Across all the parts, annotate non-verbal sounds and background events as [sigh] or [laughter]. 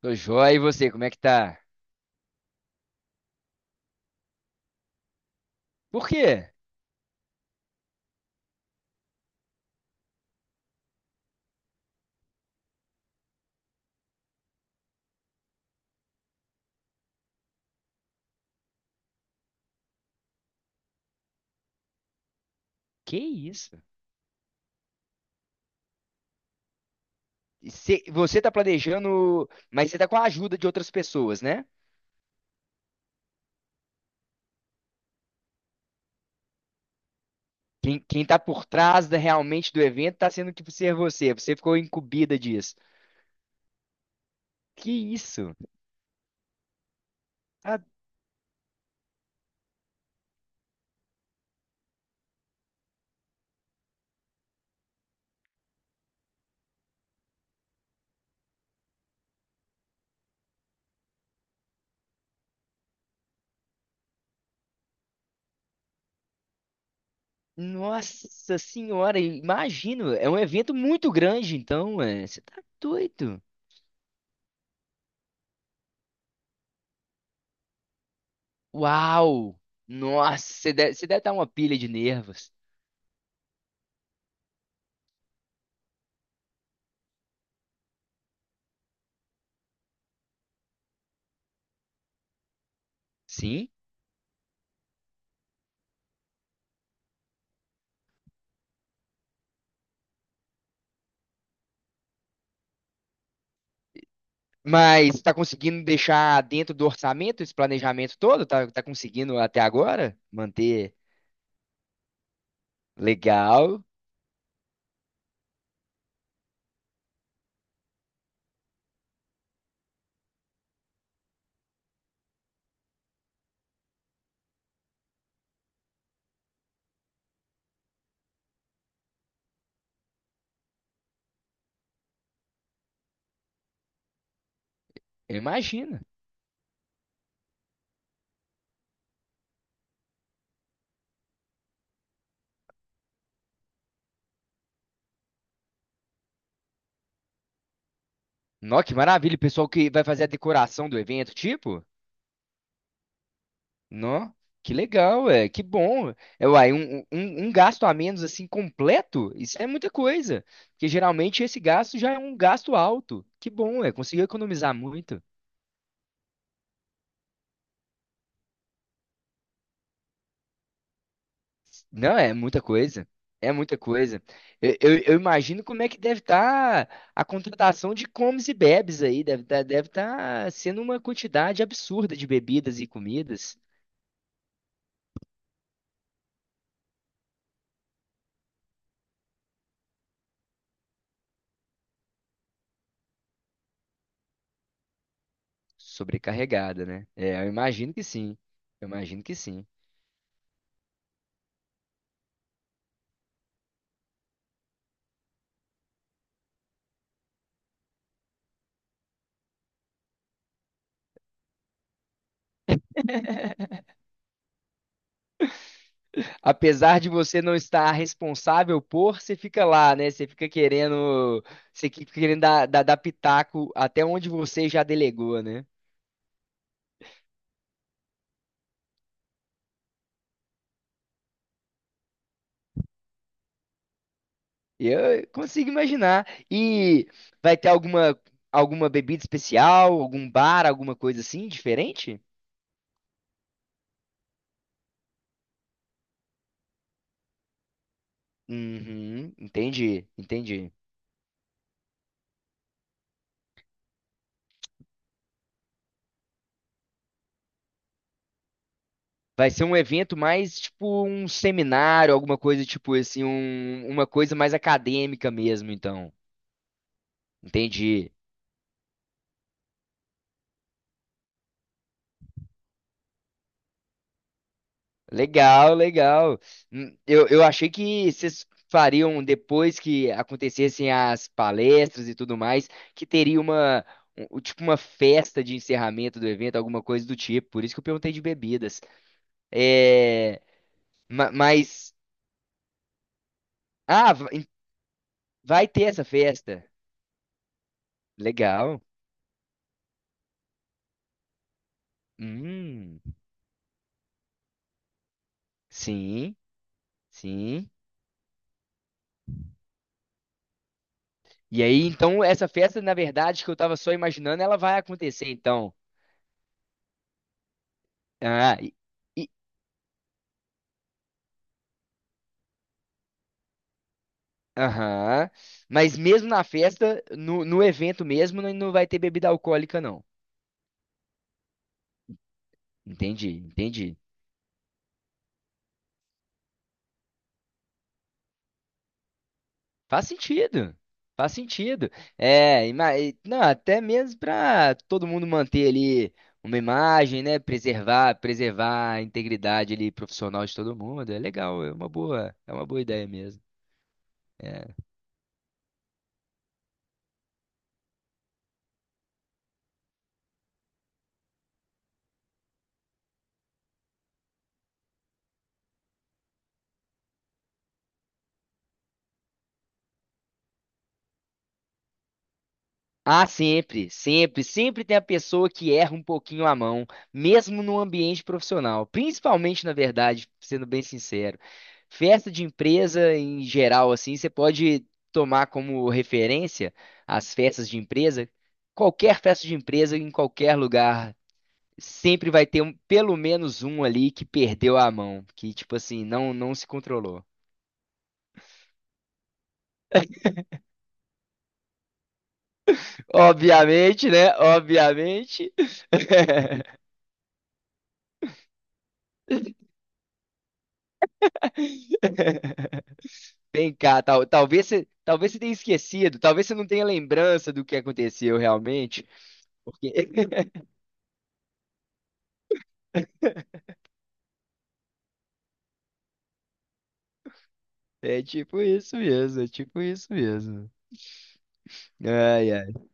Tô joia, e você, como é que tá? Por quê? Que isso? Você tá planejando, mas você tá com a ajuda de outras pessoas, né? Quem tá por trás realmente do evento tá sendo que ser você, você ficou incumbida disso. Que isso? Ah, nossa senhora, imagino, é um evento muito grande, então, é, você tá doido. Uau! Nossa, você deve estar uma pilha de nervos. Sim? Mas está conseguindo deixar dentro do orçamento esse planejamento todo? Tá conseguindo até agora manter legal? Eu imagino. Nó, que maravilha, o pessoal que vai fazer a decoração do evento, tipo? Nó, que legal, é, que bom. É, uai, um gasto a menos assim completo, isso é muita coisa. Porque geralmente esse gasto já é um gasto alto. Que bom, é, conseguiu economizar muito. Não, é muita coisa. É muita coisa. Eu imagino como é que deve estar a contratação de comes e bebes aí. Deve tá sendo uma quantidade absurda de bebidas e comidas sobrecarregada, né? É, eu imagino que sim. Eu imagino que sim. Apesar de você não estar responsável por, você fica lá, né? Você fica querendo dar pitaco até onde você já delegou, né? Eu consigo imaginar. E vai ter alguma bebida especial, algum bar, alguma coisa assim diferente? Uhum, entendi. Vai ser um evento mais tipo um seminário, alguma coisa tipo assim, uma coisa mais acadêmica mesmo, então. Entendi. Legal, legal. Eu achei que vocês fariam depois que acontecessem as palestras e tudo mais, que teria tipo uma festa de encerramento do evento, alguma coisa do tipo. Por isso que eu perguntei de bebidas. É, mas, ah, va- em- vai ter essa festa. Legal. Hum, sim, sim. E aí, então, essa festa, na verdade, que eu tava só imaginando, ela vai acontecer, então. Ah, e aham. Mas mesmo na festa, no evento mesmo, não vai ter bebida alcoólica, não. Entendi, entendi. Faz sentido. Faz sentido. É, não, até mesmo para todo mundo manter ali uma imagem, né? Preservar a integridade ali profissional de todo mundo. É legal, é uma boa ideia mesmo. É. Ah, sempre tem a pessoa que erra um pouquinho a mão, mesmo no ambiente profissional, principalmente, na verdade, sendo bem sincero. Festa de empresa em geral, assim, você pode tomar como referência as festas de empresa. Qualquer festa de empresa, em qualquer lugar, sempre vai ter pelo menos um ali que perdeu a mão, que, tipo assim, não se controlou. Obviamente, né? Obviamente. [laughs] Vem cá, tal, talvez você tenha esquecido, talvez você não tenha lembrança do que aconteceu realmente, porque [laughs] é tipo isso mesmo, é tipo isso mesmo. Ai, ai.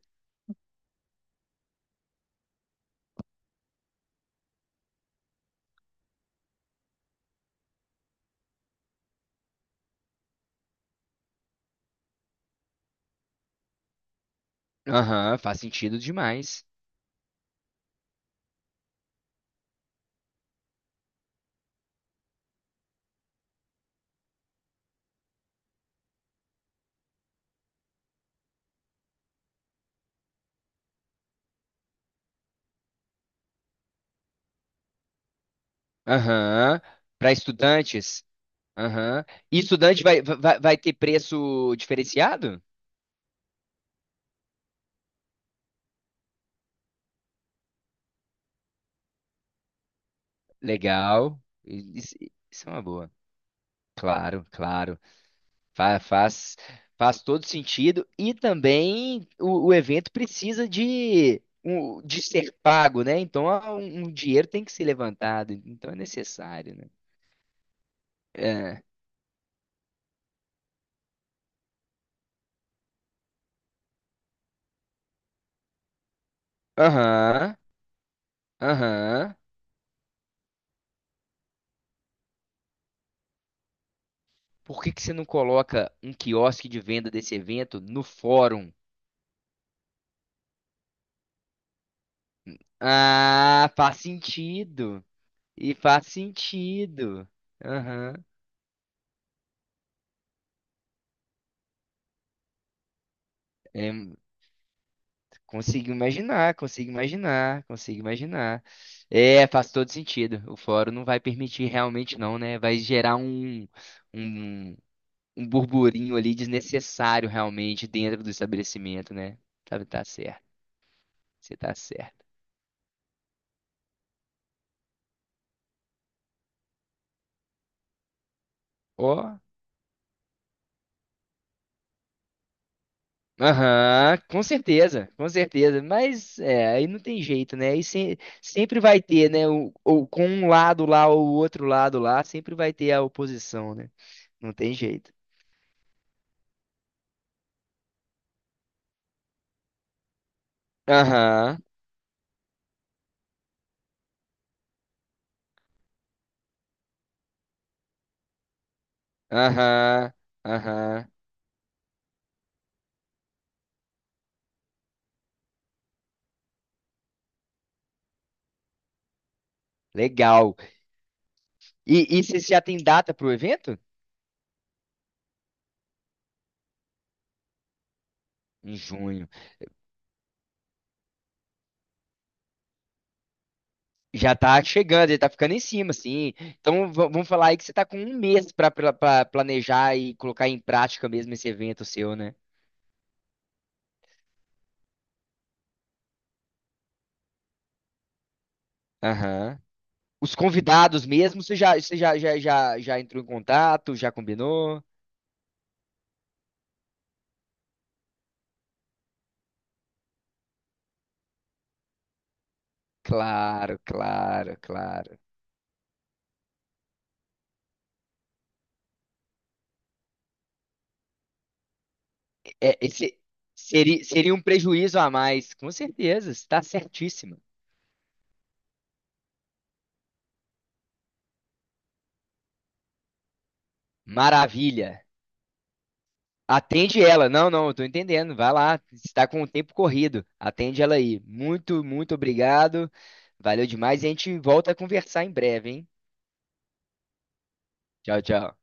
Aham, faz sentido demais. Aham, para estudantes. Aham. E estudante vai ter preço diferenciado? Legal. Isso, isso é uma boa. Claro, claro. Fa- Faz, faz, todo sentido. E também o evento precisa de, de ser pago, né? Então ah, um dinheiro tem que ser levantado. Então é necessário, né? É. Aham, aham. Por que que você não coloca um quiosque de venda desse evento no fórum? Ah, faz sentido. E faz sentido. Aham. É, Consigo imaginar, consigo imaginar, consigo imaginar. É, faz todo sentido. O fórum não vai permitir realmente não, né? Vai gerar um, um burburinho ali desnecessário realmente dentro do estabelecimento, né? Tá, tá certo, você tá certo. Ó, aham, com certeza, com certeza. Mas é, aí não tem jeito, né? Aí sempre vai ter, né? Com um lado lá ou o outro lado lá, sempre vai ter a oposição, né? Não tem jeito. Aham. Aham, aham. Legal. E você já tem data pro evento? Em junho. Já tá chegando, já tá ficando em cima, assim. Então vamos falar aí que você tá com 1 mês pra pra planejar e colocar em prática mesmo esse evento seu, né? Aham. Os convidados mesmo, você já entrou em contato, já combinou? Claro, claro, claro. É, esse seria, seria um prejuízo a mais, com certeza, está certíssima. Maravilha. Atende ela. Não, não, eu tô entendendo. Vai lá, está com o tempo corrido. Atende ela aí. Muito obrigado. Valeu demais e a gente volta a conversar em breve, hein? Tchau, tchau.